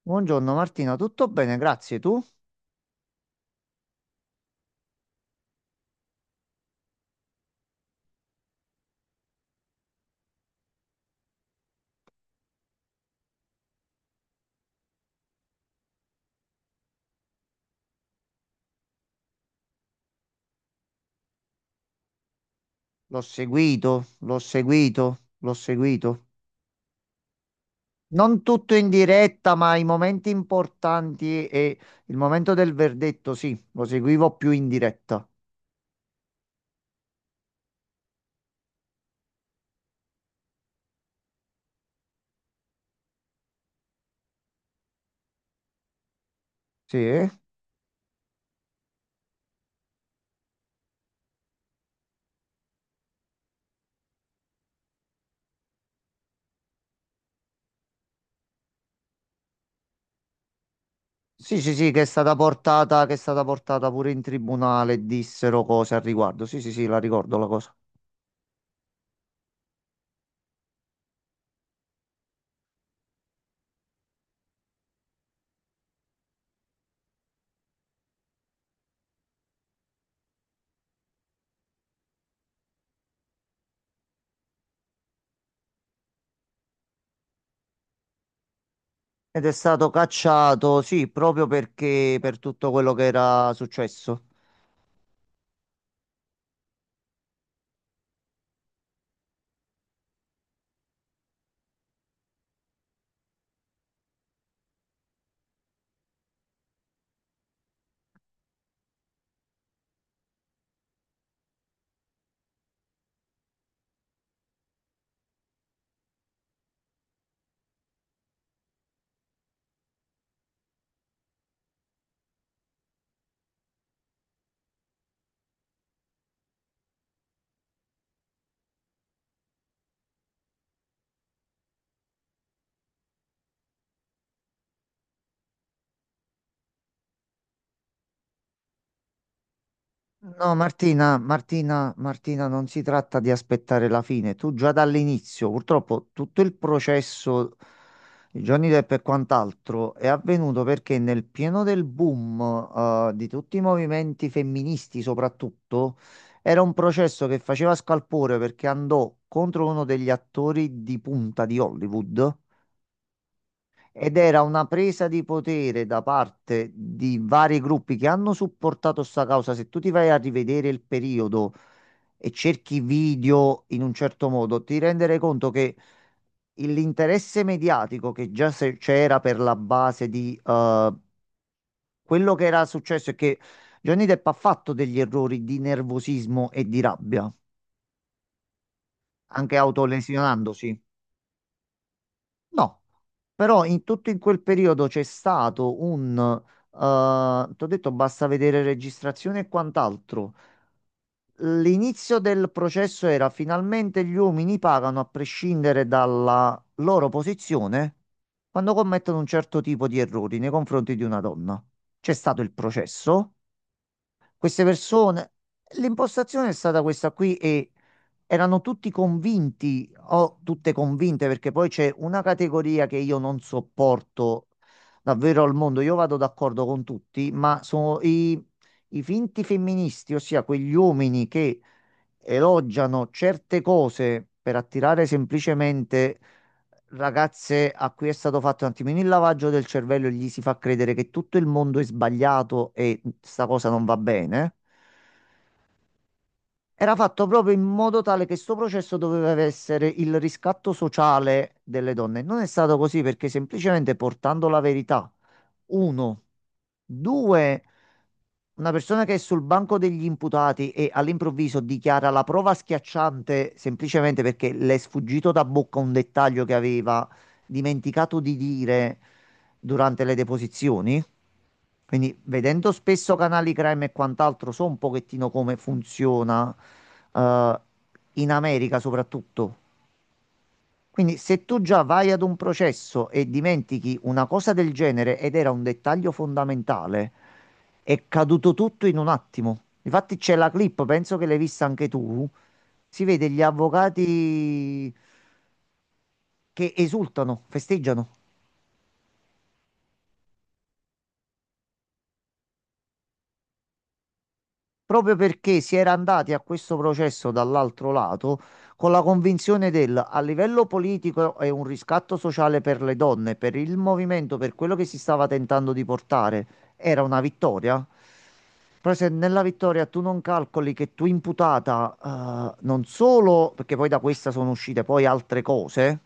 Buongiorno Martina, tutto bene? Grazie. Tu? L'ho seguito, l'ho seguito, l'ho seguito. Non tutto in diretta, ma i momenti importanti e il momento del verdetto, sì, lo seguivo più in diretta. Sì, eh? Sì, sì, sì, che è stata portata pure in tribunale, dissero cose al riguardo. Sì, sì, sì, la ricordo la cosa. Ed è stato cacciato, sì, proprio perché per tutto quello che era successo. No, Martina, Martina, Martina, non si tratta di aspettare la fine. Tu già dall'inizio, purtroppo, tutto il processo di Johnny Depp e quant'altro è avvenuto perché nel pieno del boom, di tutti i movimenti femministi, soprattutto, era un processo che faceva scalpore perché andò contro uno degli attori di punta di Hollywood. Ed era una presa di potere da parte di vari gruppi che hanno supportato sta causa. Se tu ti vai a rivedere il periodo e cerchi video in un certo modo, ti renderai conto che l'interesse mediatico che già c'era per la base di quello che era successo è che Johnny Depp ha fatto degli errori di nervosismo e di rabbia, anche autolesionandosi. No, però in tutto in quel periodo c'è stato ti ho detto basta vedere registrazione e quant'altro. L'inizio del processo era finalmente gli uomini pagano a prescindere dalla loro posizione quando commettono un certo tipo di errori nei confronti di una donna. C'è stato il processo, queste persone, l'impostazione è stata questa qui e erano tutti convinti o tutte convinte perché poi c'è una categoria che io non sopporto davvero al mondo. Io vado d'accordo con tutti, ma sono i finti femministi, ossia quegli uomini che elogiano certe cose per attirare semplicemente ragazze a cui è stato fatto un attimino il lavaggio del cervello e gli si fa credere che tutto il mondo è sbagliato e sta cosa non va bene. Era fatto proprio in modo tale che sto processo doveva essere il riscatto sociale delle donne. Non è stato così perché semplicemente portando la verità, uno, due, una persona che è sul banco degli imputati e all'improvviso dichiara la prova schiacciante semplicemente perché le è sfuggito da bocca un dettaglio che aveva dimenticato di dire durante le deposizioni. Quindi vedendo spesso canali crime e quant'altro, so un pochettino come funziona eh, in America soprattutto. Quindi se tu già vai ad un processo e dimentichi una cosa del genere ed era un dettaglio fondamentale, è caduto tutto in un attimo. Infatti c'è la clip, penso che l'hai vista anche tu. Si vede gli avvocati che esultano, festeggiano. Proprio perché si era andati a questo processo dall'altro lato con la convinzione del a livello politico è un riscatto sociale per le donne, per il movimento, per quello che si stava tentando di portare, era una vittoria. Però se nella vittoria tu non calcoli che tu imputata, non solo, perché poi da questa sono uscite poi altre cose,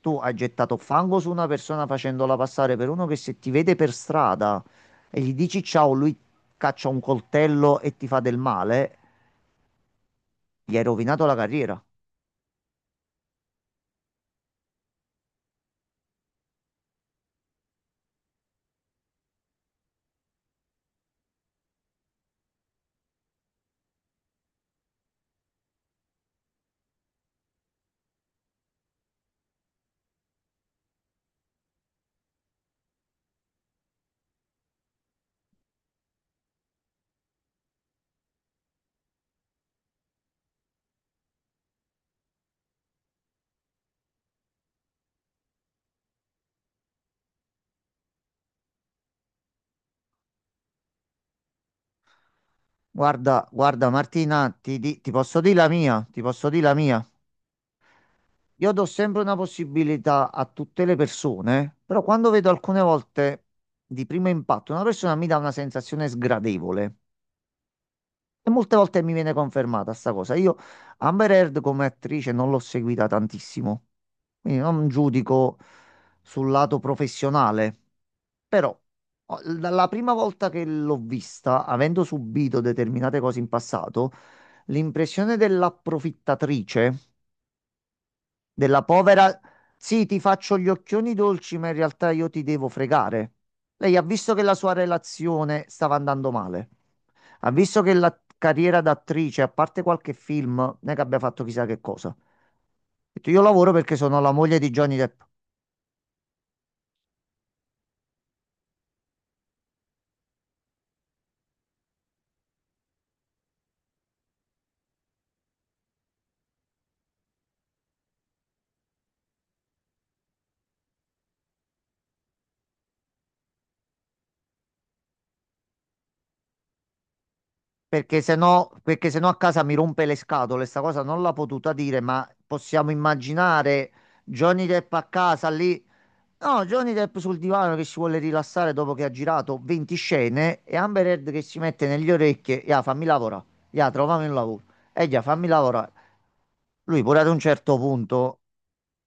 tu hai gettato fango su una persona facendola passare per uno che se ti vede per strada e gli dici ciao, lui caccia un coltello e ti fa del male, gli hai rovinato la carriera. Guarda, guarda Martina, ti posso dire la mia, ti posso dire la mia. Io do sempre una possibilità a tutte le persone, però quando vedo alcune volte di primo impatto una persona mi dà una sensazione sgradevole e molte volte mi viene confermata sta cosa. Io Amber Heard come attrice non l'ho seguita tantissimo, quindi non giudico sul lato professionale. Però, dalla prima volta che l'ho vista, avendo subito determinate cose in passato, l'impressione dell'approfittatrice, della povera, sì, ti faccio gli occhioni dolci, ma in realtà io ti devo fregare. Lei ha visto che la sua relazione stava andando male. Ha visto che la carriera d'attrice, a parte qualche film, non è che abbia fatto chissà che cosa. Ha detto, io lavoro perché sono la moglie di Johnny Depp. Perché se no a casa mi rompe le scatole, sta cosa non l'ha potuta dire, ma possiamo immaginare Johnny Depp a casa lì. No, Johnny Depp sul divano che si vuole rilassare dopo che ha girato 20 scene e Amber Heard che si mette negli orecchie, ya, fammi lavorare, ya, trovami un lavoro, e ya, fammi lavorare. Lui pure ad un certo punto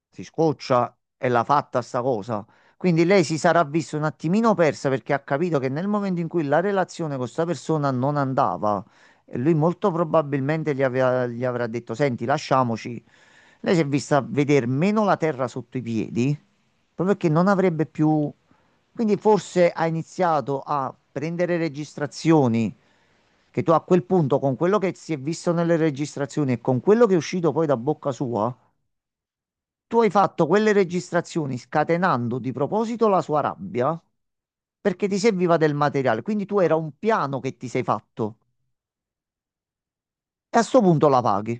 si scoccia e l'ha fatta sta cosa. Quindi lei si sarà vista un attimino persa perché ha capito che nel momento in cui la relazione con sta persona non andava, e lui molto probabilmente gli avrà detto: Senti, lasciamoci. Lei si è vista vedere meno la terra sotto i piedi proprio che non avrebbe più... Quindi forse ha iniziato a prendere registrazioni che tu a quel punto, con quello che si è visto nelle registrazioni e con quello che è uscito poi da bocca sua, tu hai fatto quelle registrazioni scatenando di proposito la sua rabbia perché ti serviva del materiale. Quindi tu era un piano che ti sei fatto e a sto punto la paghi.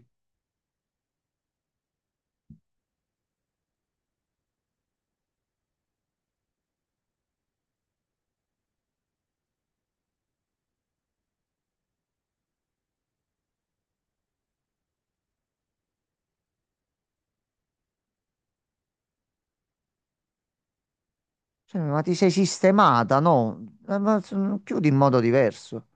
Cioè, ma ti sei sistemata, no? Ma chiudi in modo diverso.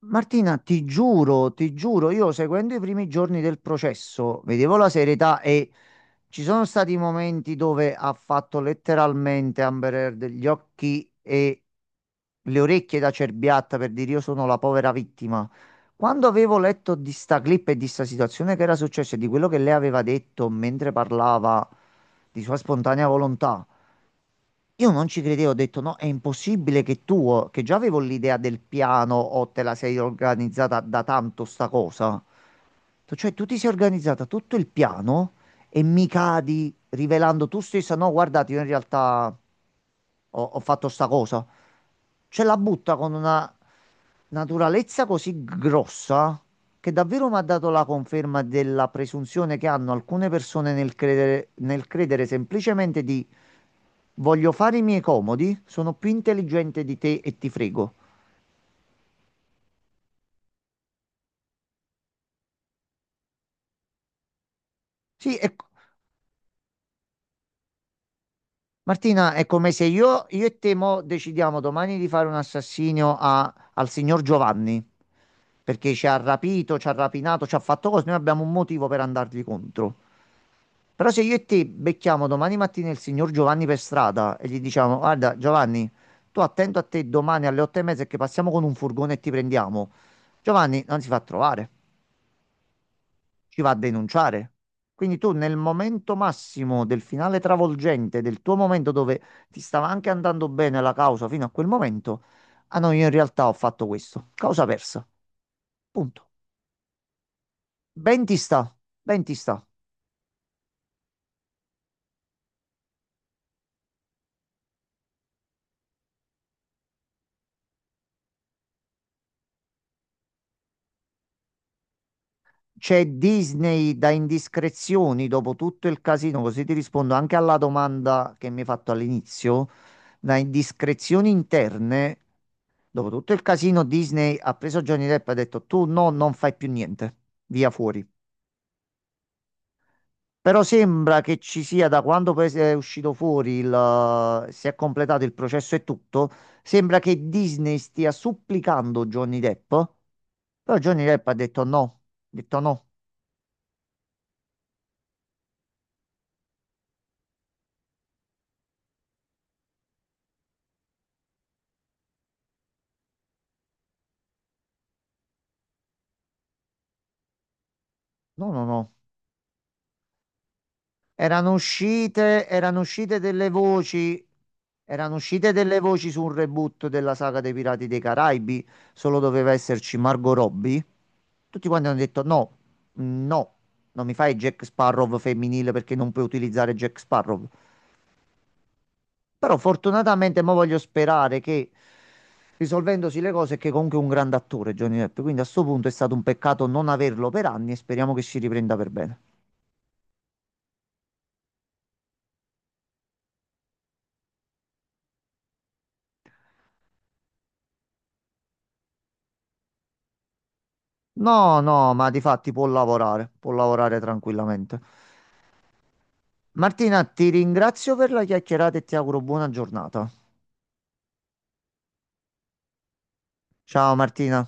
Martina, ti giuro, io seguendo i primi giorni del processo, vedevo la serietà e ci sono stati momenti dove ha fatto letteralmente Amber Heard gli occhi e le orecchie da cerbiatta per dire io sono la povera vittima. Quando avevo letto di sta clip e di sta situazione che era successa e di quello che lei aveva detto mentre parlava di sua spontanea volontà, io non ci credevo, ho detto no, è impossibile che tu, oh, che già avevo l'idea del piano o te la sei organizzata da tanto sta cosa. Detto, cioè tu ti sei organizzata tutto il piano e mi cadi rivelando tu stessa, no, guardate, io in realtà ho fatto sta cosa. Cioè la butta con una naturalezza così grossa che davvero mi ha dato la conferma della presunzione che hanno alcune persone nel credere, semplicemente di voglio fare i miei comodi, sono più intelligente di te e ti frego. Sì. Martina, è come se io e te mo decidiamo domani di fare un assassinio al signor Giovanni perché ci ha rapito, ci ha rapinato, ci ha fatto cose, noi abbiamo un motivo per andargli contro. Però se io e te becchiamo domani mattina il signor Giovanni per strada e gli diciamo, guarda Giovanni, tu attento a te domani alle otto e mezza che passiamo con un furgone e ti prendiamo. Giovanni non si fa trovare, ci va a denunciare. Quindi tu nel momento massimo del finale travolgente, del tuo momento dove ti stava anche andando bene la causa fino a quel momento, ah no, io in realtà ho fatto questo. Causa persa. Punto. Ben ti sta, ben ti sta. C'è Disney da indiscrezioni dopo tutto il casino, così ti rispondo anche alla domanda che mi hai fatto all'inizio. Da indiscrezioni interne, dopo tutto il casino, Disney ha preso Johnny Depp e ha detto tu no, non fai più niente, via fuori. Però sembra che ci sia, da quando poi è uscito fuori, si è completato il processo e tutto, sembra che Disney stia supplicando Johnny Depp. Però Johnny Depp ha detto no, no, no, no. Erano uscite, erano uscite delle voci, erano uscite delle voci su un reboot della saga dei Pirati dei Caraibi, solo doveva esserci Margot Robbie. Tutti quanti hanno detto no, no, non mi fai Jack Sparrow femminile perché non puoi utilizzare Jack Sparrow. Però fortunatamente mo voglio sperare che risolvendosi le cose, che comunque è un grande attore Johnny Depp, quindi a sto punto è stato un peccato non averlo per anni e speriamo che si riprenda per bene. No, no, ma di fatti può lavorare tranquillamente. Martina, ti ringrazio per la chiacchierata e ti auguro buona giornata. Ciao Martina.